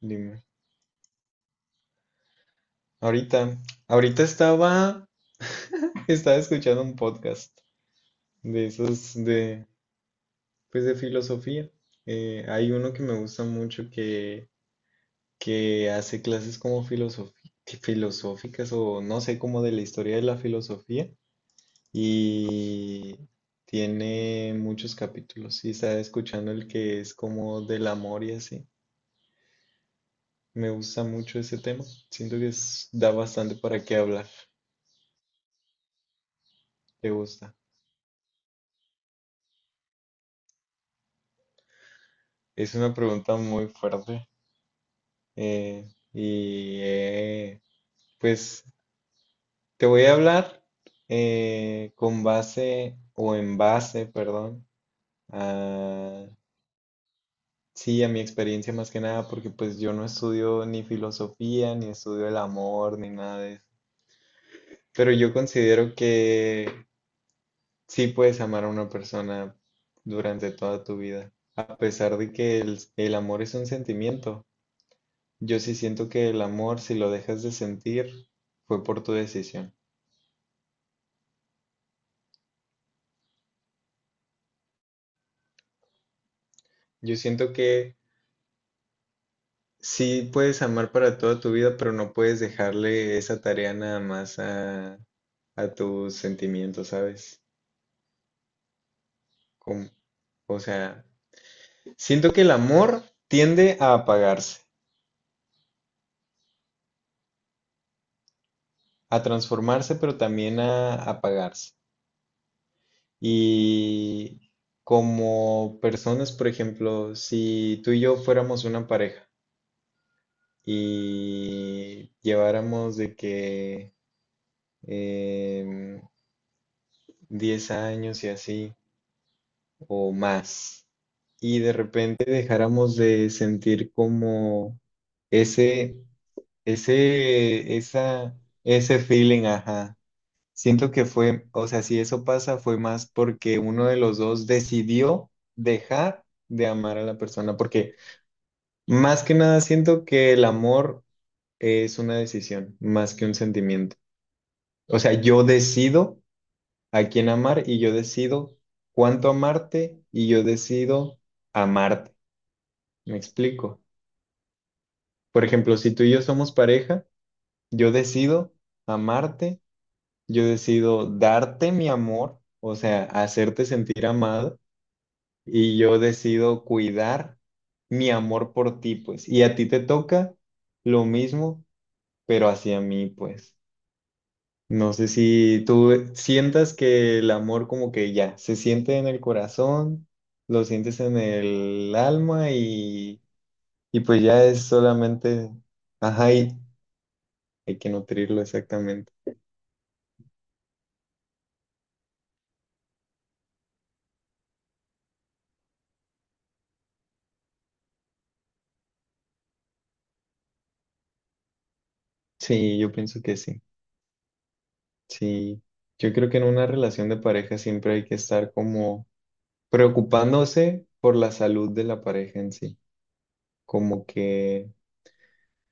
Dime. Ahorita, ahorita estaba, estaba escuchando un podcast de esos de, pues de filosofía. Hay uno que me gusta mucho que hace clases como filosóficas o no sé, como de la historia de la filosofía y tiene muchos capítulos y estaba escuchando el que es como del amor y así. Me gusta mucho ese tema. Siento que da bastante para qué hablar. ¿Te gusta? Es una pregunta muy fuerte. eh, y eh, pues te voy a hablar con base o en base, perdón, a, sí, a mi experiencia más que nada, porque pues yo no estudio ni filosofía, ni estudio el amor, ni nada de eso. Pero yo considero que sí puedes amar a una persona durante toda tu vida, a pesar de que el amor es un sentimiento. Yo sí siento que el amor, si lo dejas de sentir, fue por tu decisión. Yo siento que sí puedes amar para toda tu vida, pero no puedes dejarle esa tarea nada más a tus sentimientos, ¿sabes? Como- o sea, siento que el amor tiende a apagarse, a transformarse, pero también a apagarse. Y como personas, por ejemplo, si tú y yo fuéramos una pareja, y lleváramos de que em, 10 años y así o más y de repente dejáramos de sentir como ese, ese, esa, ese feeling, ajá. Siento que fue, o sea, si eso pasa fue más porque uno de los dos decidió dejar de amar a la persona, porque más que nada siento que el amor es una decisión, más que un sentimiento. O sea, yo decido a quién amar y yo decido cuánto amarte y yo decido amarte. ¿Me explico? Por ejemplo, si tú y yo somos pareja, yo decido amarte, yo decido darte mi amor, o sea, hacerte sentir amado y yo decido cuidar mi amor por ti, pues. Y a ti te toca lo mismo, pero hacia mí, pues. No sé si tú e, sientas que el amor como que ya se siente en el corazón, lo sientes en el alma y pues ya es solamente, ajá, y hay que nutrirlo exactamente. Sí, yo pienso que sí. Sí, yo creo que en una relación de pareja siempre hay que estar como preocupándose por la salud de la pareja en sí, como que...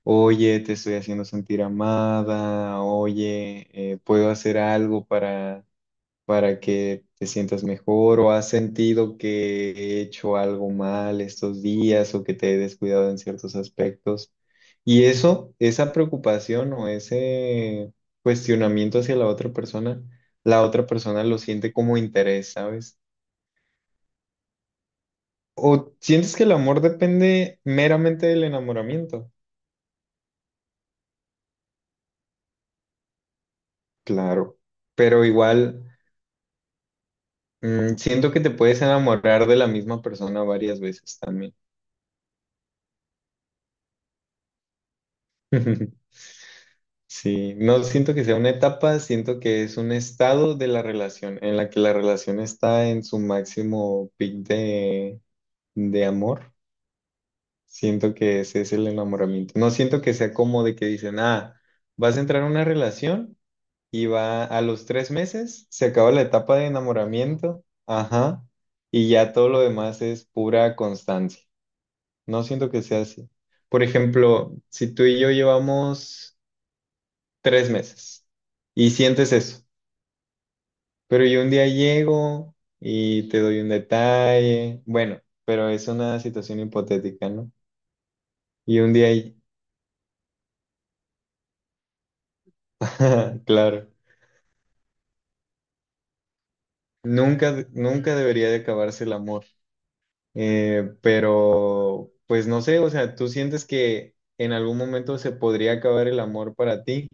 Oye, te estoy haciendo sentir amada, oye, puedo hacer algo para que te sientas mejor o has sentido que he hecho algo mal estos días o que te he descuidado en ciertos aspectos. Y eso, esa preocupación o ese cuestionamiento hacia la otra persona lo siente como interés, ¿sabes? ¿O sientes que el amor depende meramente del enamoramiento? Claro, pero igual siento que te puedes enamorar de la misma persona varias veces también. Sí, no siento que sea una etapa, siento que es un estado de la relación en la que la relación está en su máximo pic de amor. Siento que ese es el enamoramiento. No siento que sea como de que dicen, ah, vas a entrar a una relación y va a los 3 meses, se acaba la etapa de enamoramiento, ajá, y ya todo lo demás es pura constancia. No siento que sea así. Por ejemplo, si tú y yo llevamos 3 meses y sientes eso. Pero yo un día llego y te doy un detalle. Bueno, pero es una situación hipotética, ¿no? Y un día, claro, nunca, nunca debería de acabarse el amor. Pero, pues no sé, o sea, ¿tú sientes que en algún momento se podría acabar el amor para ti?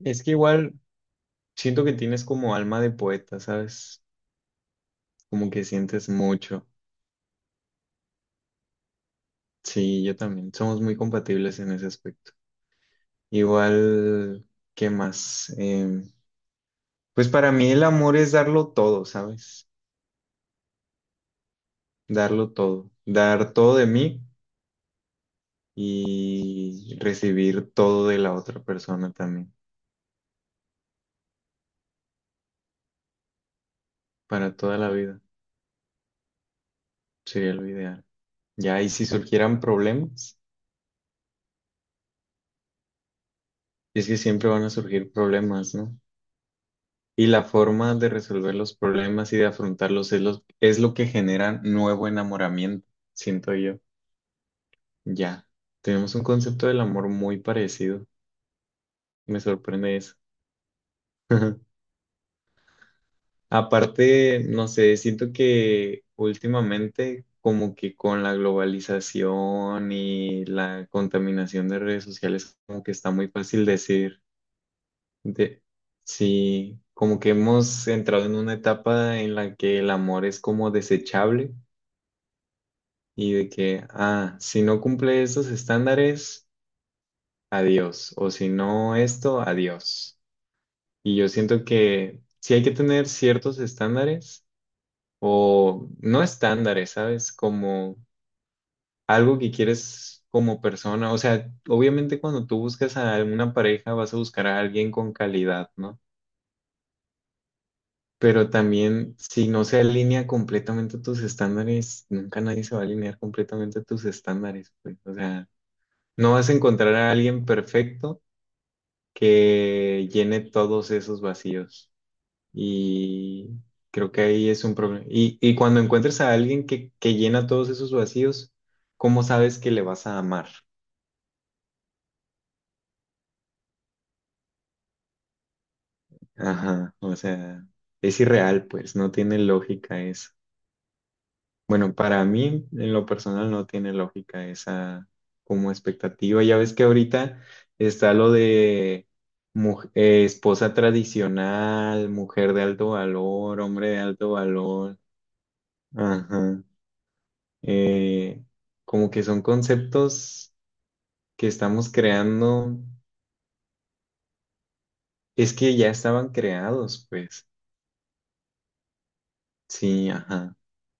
Es que igual siento que tienes como alma de poeta, ¿sabes? Como que sientes mucho. Sí, yo también. Somos muy compatibles en ese aspecto. Igual, ¿qué más? Pues para mí el amor es darlo todo, ¿sabes? Darlo todo, dar todo de mí y recibir todo de la otra persona también, para toda la vida, sería lo ideal. Ya, y si surgieran problemas, es que siempre van a surgir problemas, ¿no? Y la forma de resolver los problemas y de afrontarlos es lo que genera nuevo enamoramiento, siento yo. Ya, tenemos un concepto del amor muy parecido. Me sorprende eso. Aparte, no sé, siento que últimamente como que con la globalización y la contaminación de redes sociales, como que está muy fácil decir, de, sí, como que hemos entrado en una etapa en la que el amor es como desechable y de que, ah, si no cumple esos estándares, adiós, o si no esto, adiós. Y yo siento que sí hay que tener ciertos estándares o no estándares, ¿sabes? Como algo que quieres como persona. O sea, obviamente cuando tú buscas a alguna pareja vas a buscar a alguien con calidad, ¿no? Pero también si no se alinea completamente a tus estándares, nunca nadie se va a alinear completamente a tus estándares, pues. O sea, no vas a encontrar a alguien perfecto que llene todos esos vacíos. Y creo que ahí es un problema. Y cuando encuentres a alguien que llena todos esos vacíos, ¿cómo sabes que le vas a amar? Ajá, o sea, es irreal, pues, no tiene lógica eso. Bueno, para mí, en lo personal, no tiene lógica esa como expectativa. Ya ves que ahorita está lo de esposa tradicional, mujer de alto valor, hombre de alto valor. Ajá. eh, Como que son conceptos que estamos creando, es que ya estaban creados, pues, sí, ajá.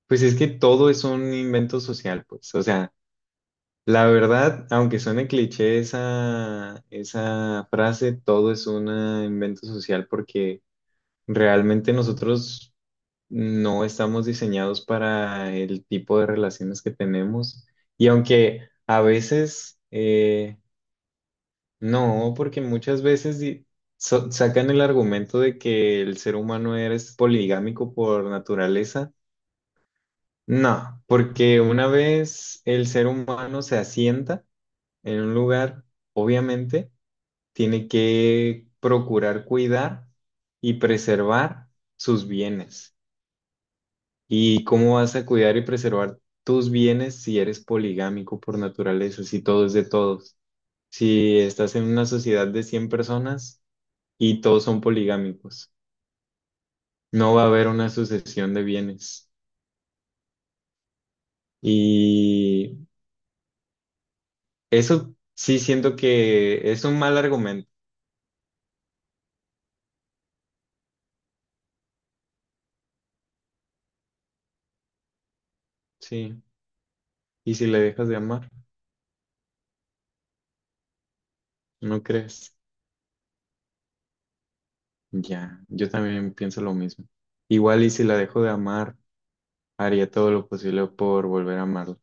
Pues es que todo es un invento social, pues, o sea, la verdad, aunque suene cliché esa, esa frase, todo es un invento social porque realmente nosotros no estamos diseñados para el tipo de relaciones que tenemos y aunque a veces... No, porque muchas veces sacan el argumento de que el ser humano es poligámico por naturaleza. No, porque una vez el ser humano se asienta en un lugar, obviamente tiene que procurar cuidar y preservar sus bienes. ¿Y cómo vas a cuidar y preservar tus bienes si eres poligámico por naturaleza, si todo es de todos? Si estás en una sociedad de 100 personas y todos son poligámicos. No va a haber una sucesión de bienes. Y eso sí siento que es un mal argumento, sí. ¿Y si le dejas de amar? ¿No crees? Ya, yo también pienso lo mismo. Igual y si la dejo de amar, haría todo lo posible por volver a amarla.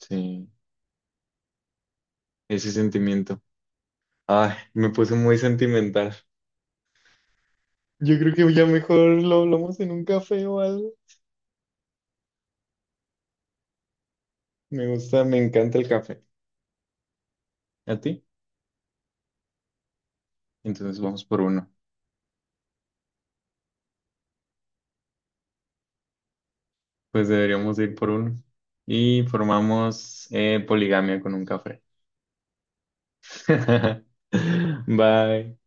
Sí, ese sentimiento. Ay, me puse muy sentimental. Yo creo que ya mejor lo hablamos en un café o algo. Me gusta, me encanta el café. ¿A ti? Entonces vamos por uno. Pues deberíamos ir por uno. Y formamos poligamia con un café. Bye.